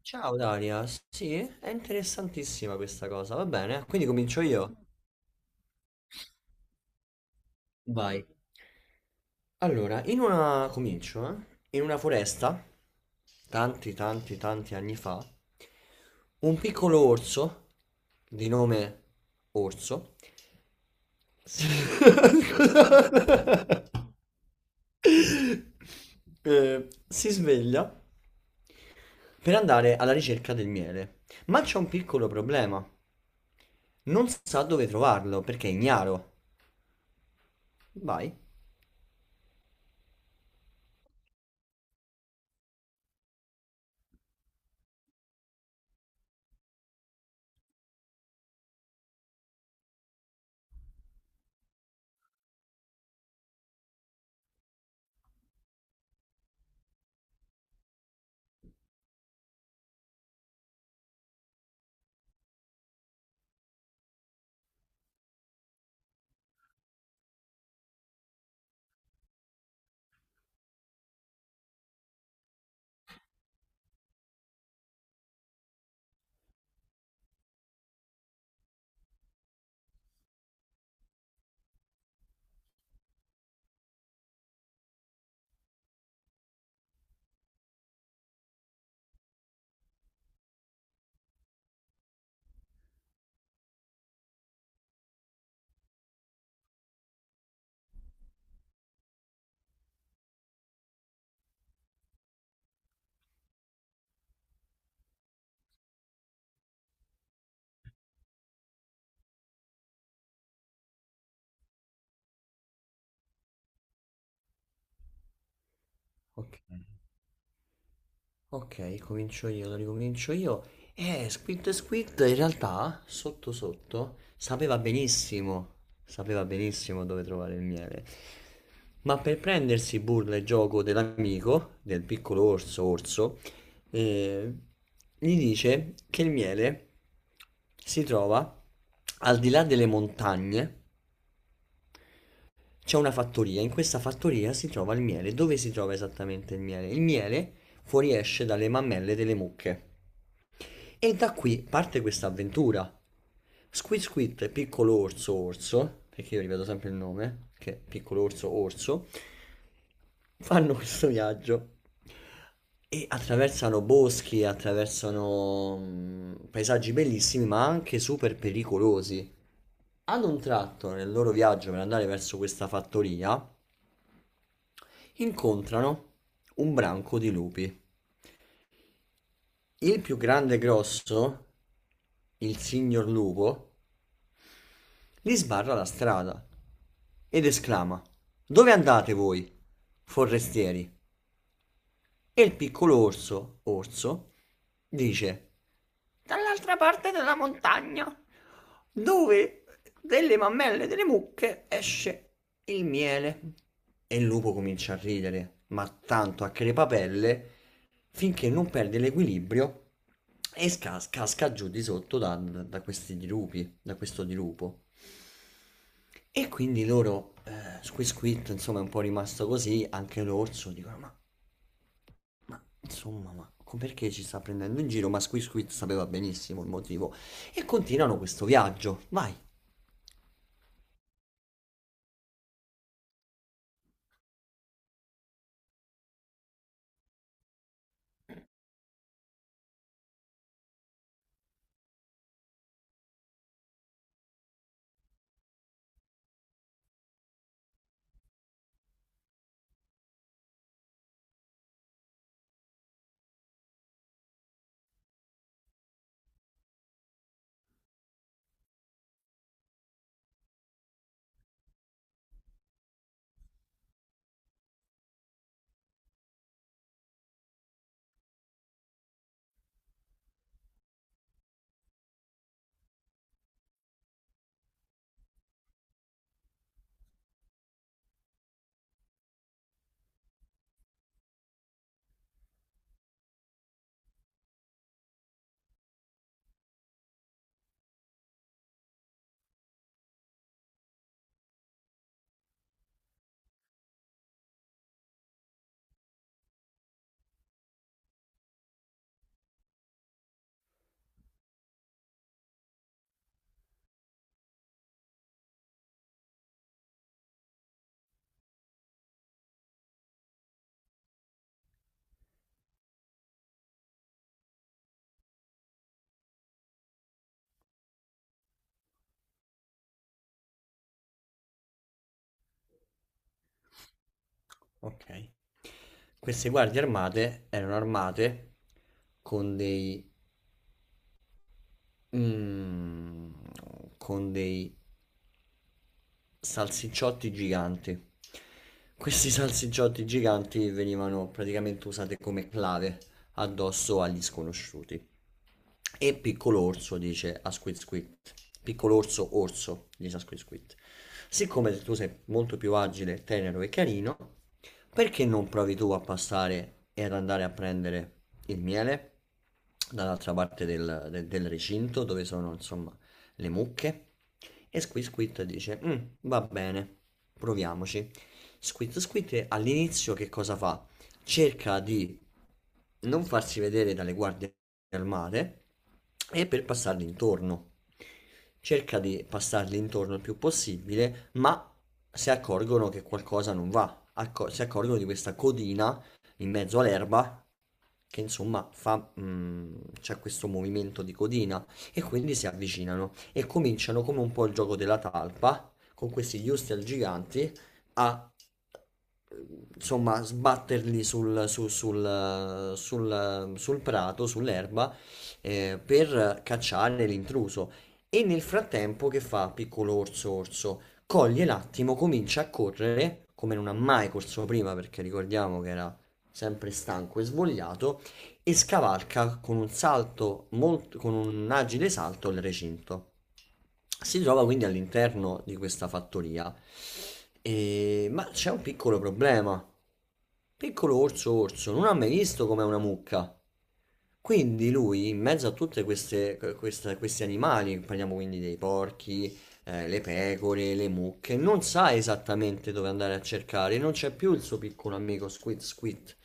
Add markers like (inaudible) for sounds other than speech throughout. Ciao Daria, sì, è interessantissima questa cosa, va bene? Quindi comincio io. Vai. Allora, in una... comincio, eh? In una foresta, tanti, tanti, tanti anni fa, un piccolo orso, di nome Orso, si, (laughs) Scusa. Si sveglia per andare alla ricerca del miele, ma c'è un piccolo problema. Non sa dove trovarlo perché è ignaro. Vai. Ok, ok, comincio io, lo ricomincio io. Squid Squid in realtà, sotto sotto, sapeva benissimo dove trovare il miele. Ma per prendersi burla e gioco dell'amico, del piccolo orso, orso, eh, gli dice che il miele si trova al di là delle montagne. C'è una fattoria, in questa fattoria si trova il miele. Dove si trova esattamente il miele? Il miele fuoriesce dalle mammelle delle mucche. E da qui parte questa avventura. Squid Squid, piccolo orso orso, perché io ripeto sempre il nome, che è piccolo orso orso, fanno questo viaggio e attraversano boschi, attraversano paesaggi bellissimi, ma anche super pericolosi. Ad un tratto, nel loro viaggio per andare verso questa fattoria, incontrano un branco di lupi. Il più grande e grosso, il signor lupo, gli sbarra la strada ed esclama: "Dove andate voi, forestieri?" E il piccolo orso, orso, dice: dall'altra parte della montagna, dove delle mammelle delle mucche esce il miele. E il lupo comincia a ridere, ma tanto, a crepapelle, finché non perde l'equilibrio e casca giù di sotto da, da questi dirupi, da questo dirupo. E quindi loro, Squisquit, insomma, è un po' rimasto così, anche l'orso, dicono, ma insomma, perché ci sta prendendo in giro? Ma Squid Squid sapeva benissimo il motivo. E continuano questo viaggio. Vai. Ok. Queste guardie armate erano armate con dei... mm, con dei salsicciotti giganti. Questi salsicciotti giganti venivano praticamente usati come clave addosso agli sconosciuti. E piccolo orso dice a Squid Squid. Piccolo orso orso dice a Squid Squid. Siccome tu sei molto più agile, tenero e carino, perché non provi tu a passare e ad andare a prendere il miele dall'altra parte del, del recinto dove sono, insomma, le mucche. E Squid Squid dice: "Mm, va bene, proviamoci." Squid Squid all'inizio che cosa fa? Cerca di non farsi vedere dalle guardie armate e per passargli intorno. Cerca di passargli intorno il più possibile, ma si accorgono che qualcosa non va. Si accorgono di questa codina in mezzo all'erba che insomma fa, mm, c'è questo movimento di codina e quindi si avvicinano e cominciano come un po' il gioco della talpa con questi Hustel giganti a, insomma, sbatterli sul, sul, sul prato, sull'erba, per cacciare l'intruso. E nel frattempo che fa piccolo orso orso? Coglie l'attimo, comincia a correre come non ha mai corso prima, perché ricordiamo che era sempre stanco e svogliato, e scavalca con un salto molto, con un agile salto, il recinto. Si trova quindi all'interno di questa fattoria. Ma c'è un piccolo problema. Piccolo orso orso non ha mai visto com'è una mucca. Quindi lui, in mezzo a tutti questi animali, parliamo quindi dei porchi, le pecore, le mucche, non sa esattamente dove andare a cercare, non c'è più il suo piccolo amico Squid Squid,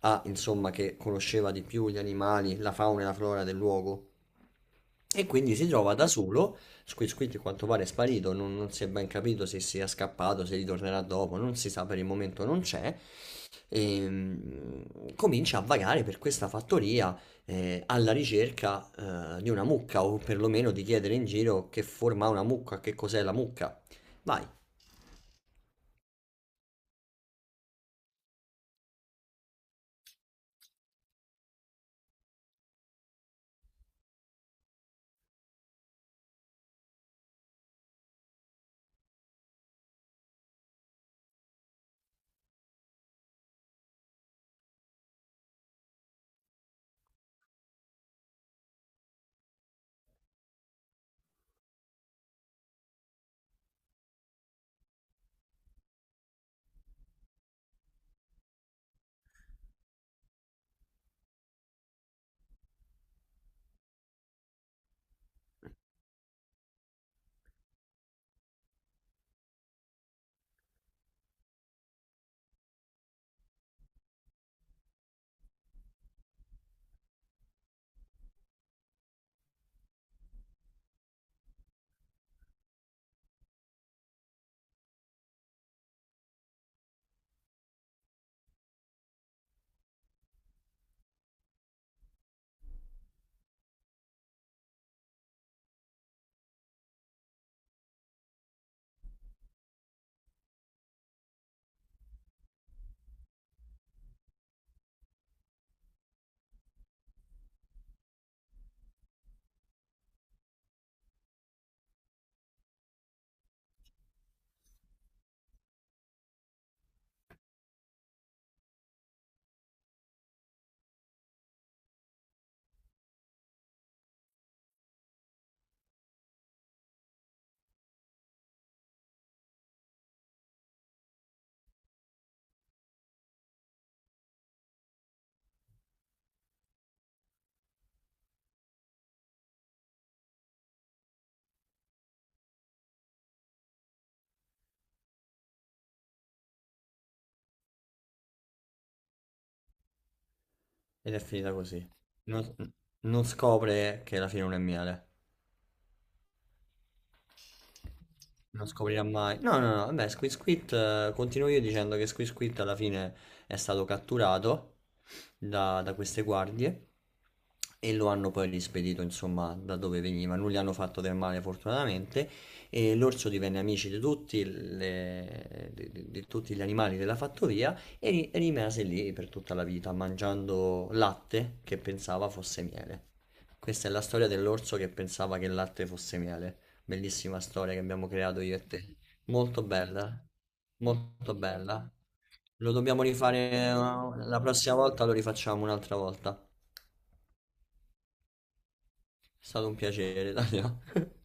ah, insomma, che conosceva di più gli animali, la fauna e la flora del luogo. E quindi si trova da solo. Squid Squid, a quanto pare, è sparito. Non si è ben capito se sia scappato, se ritornerà dopo. Non si sa per il momento, non c'è, e comincia a vagare per questa fattoria, alla ricerca, di una mucca, o perlomeno di chiedere in giro che forma ha una mucca, che cos'è la mucca. Vai. Ed è finita così. Non, non scopre che la fine non è miele. Non scoprirà mai. No, no, no, vabbè, Squid, continuo io dicendo che Squid alla fine è stato catturato da, da queste guardie, e lo hanno poi rispedito, insomma, da dove veniva. Non gli hanno fatto del male, fortunatamente, e l'orso divenne amici di tutti, di, di tutti gli animali della fattoria, e rimase lì per tutta la vita, mangiando latte che pensava fosse miele. Questa è la storia dell'orso che pensava che il latte fosse miele. Bellissima storia che abbiamo creato io e te. Molto bella, molto bella. Lo dobbiamo rifare, la prossima volta, lo rifacciamo un'altra volta. È stato un piacere, Dario. (laughs)